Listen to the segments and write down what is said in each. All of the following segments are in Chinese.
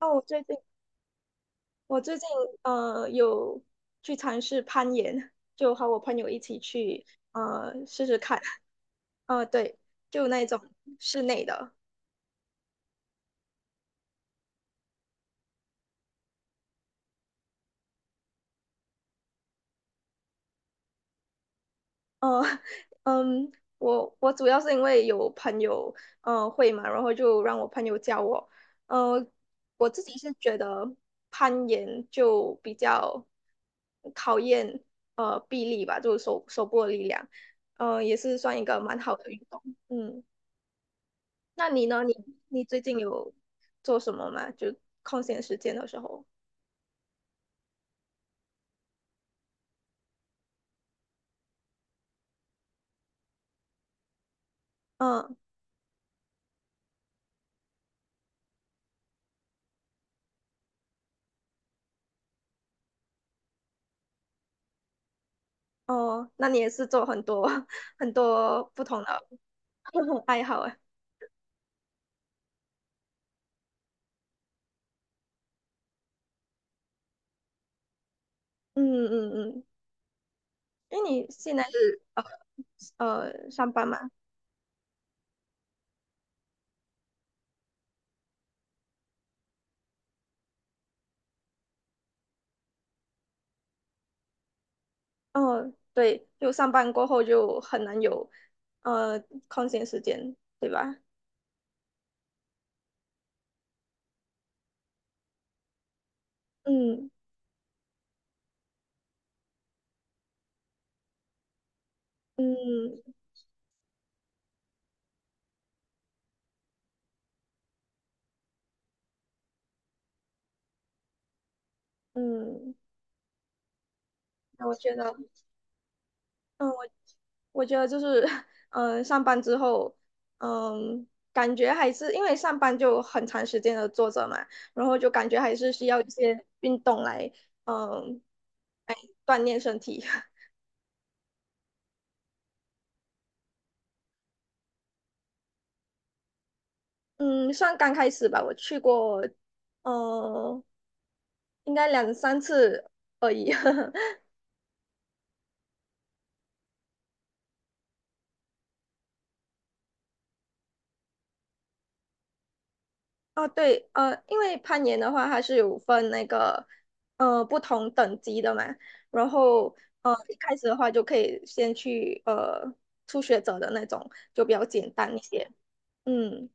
哦，我最近有去尝试攀岩，就和我朋友一起去试试看。对，就那种室内的。呃 嗯，我主要是因为有朋友会嘛，然后就让我朋友教我。呃我自己是觉得攀岩就比较考验臂力吧，就是手部的力量。也是算一个蛮好的运动。嗯。那你呢？你最近有做什么吗？就空闲时间的时候。嗯。哦，那你也是做很多 很多不同的 不同爱好哎。嗯嗯嗯，因为你现在是上班嘛。哦，对，就上班过后就很难有呃空闲时间，对吧？嗯嗯嗯。那我觉得，嗯。我觉得就是，嗯，上班之后，嗯，感觉还是因为上班就很长时间的坐着嘛，然后就感觉还是需要一些运动来，嗯，锻炼身体。嗯，算刚开始吧，我去过，嗯，应该两三次而已。啊，对，因为攀岩的话，它是有分那个不同等级的嘛，然后一开始的话就可以先去初学者的那种，就比较简单一些。嗯。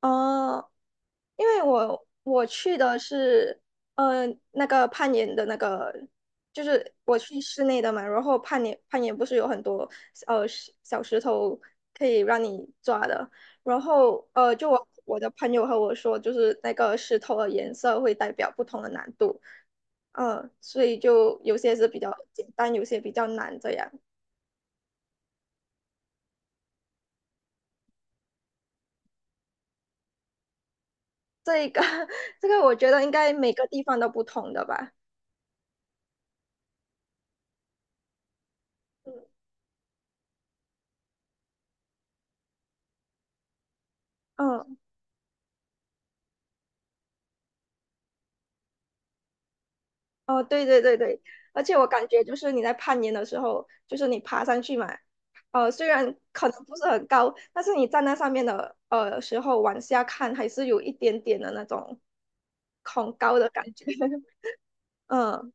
哦，因为我去的是，呃，那个攀岩的那个，就是我去室内的嘛，然后攀岩不是有很多小石头可以让你抓的，然后，就我的朋友和我说，就是那个石头的颜色会代表不同的难度。嗯，所以就有些是比较简单，有些比较难这样。这个我觉得应该每个地方都不同的吧。嗯嗯。哦，对对对对，而且我感觉就是你在攀岩的时候，就是你爬上去嘛，虽然可能不是很高，但是你站在上面的时候往下看，还是有一点点的那种恐高的感觉。嗯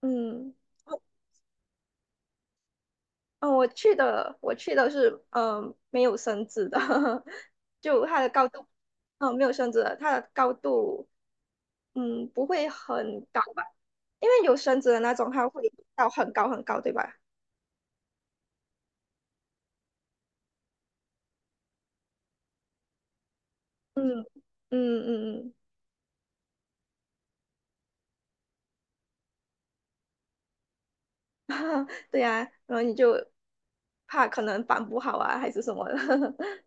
嗯。哦哦，我去的是没有绳子的。就它的高度，没有绳子的，它的高度，不会很高吧？因为有绳子的那种，它会到很高很高，对吧？嗯嗯嗯嗯，对呀，然后你就怕可能绑不好啊，还是什么的。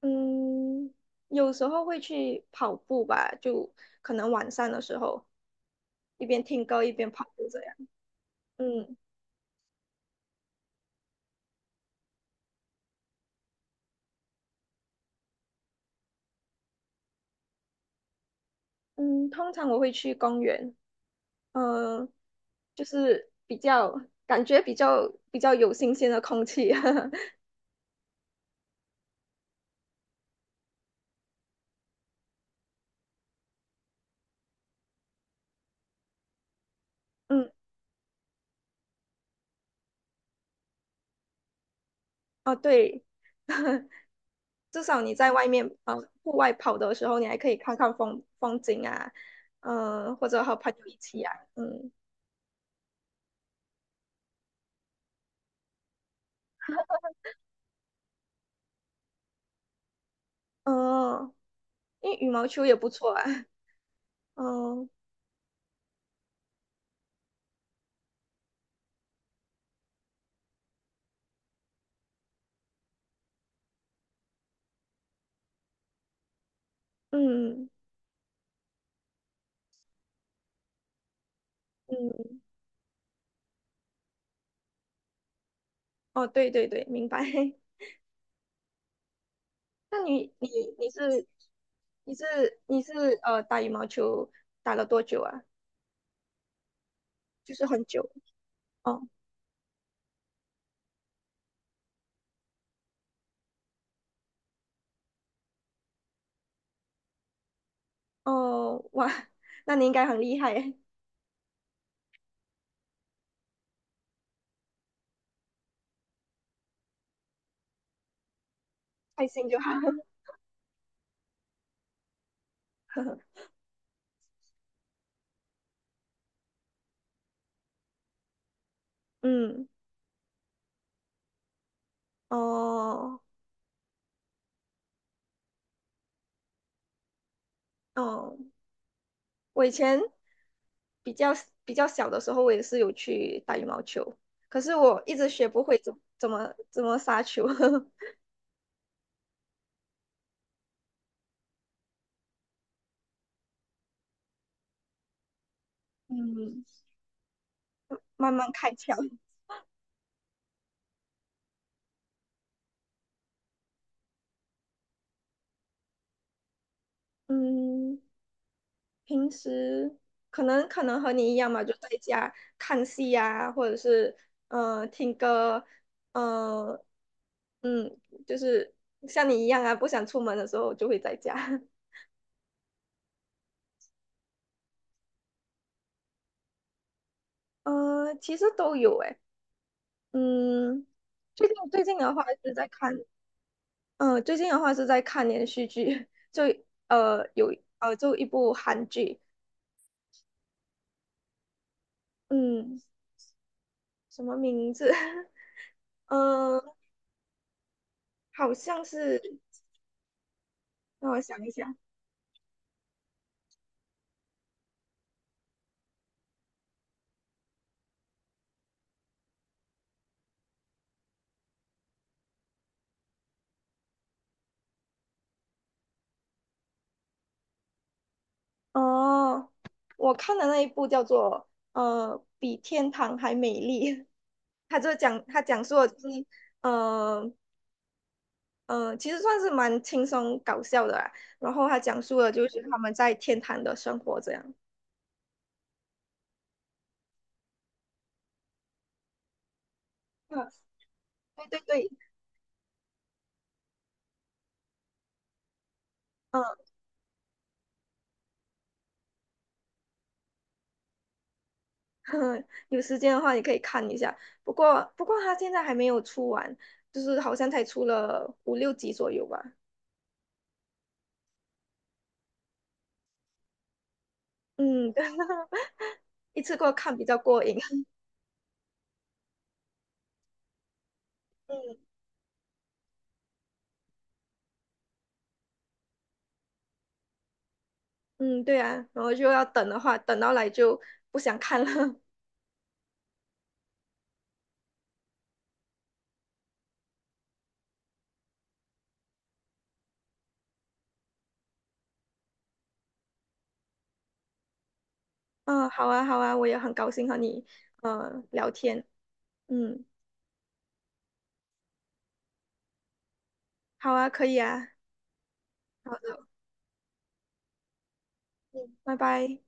嗯，有时候会去跑步吧，就可能晚上的时候，一边听歌一边跑步这样。嗯嗯。通常我会去公园，嗯、就是比较感觉比较有新鲜的空气。嗯，哦对，至少你在外面户外跑的时候，你还可以看看风景啊，或者和朋友一起啊。嗯。哦，因为羽毛球也不错啊。哦。嗯嗯。哦对对对，明白。那你是你是你是打羽毛球打了多久啊？就是很久。哦哦哇，那你应该很厉害耶。开心就好。嗯。哦哦。我以前比较比较小的时候，我也是有去打羽毛球，可是我一直学不会怎么杀球。嗯，慢慢开窍。嗯，平时可能和你一样嘛，就在家看戏呀，或者是听歌。呃嗯，就是像你一样啊，不想出门的时候就会在家。其实都有诶。嗯。最近最近的话是在看嗯，最近的话是在看连续剧。就呃有就一部韩剧。嗯，什么名字？嗯，好像是，让我想一想。哦，我看的那一部叫做《比天堂还美丽》。它讲述的就是呃其实算是蛮轻松搞笑的啦。然后它讲述的就是他们在天堂的生活这样。嗯，对对对。有时间的话，你可以看一下。不过他现在还没有出完，就是好像才出了五六集左右吧。嗯，对，一次过看比较过瘾。嗯嗯，对啊，然后就要等的话，等到来就不想看了。嗯，好啊，好啊，我也很高兴和你聊天。嗯，好啊，可以啊，好的，嗯，拜拜。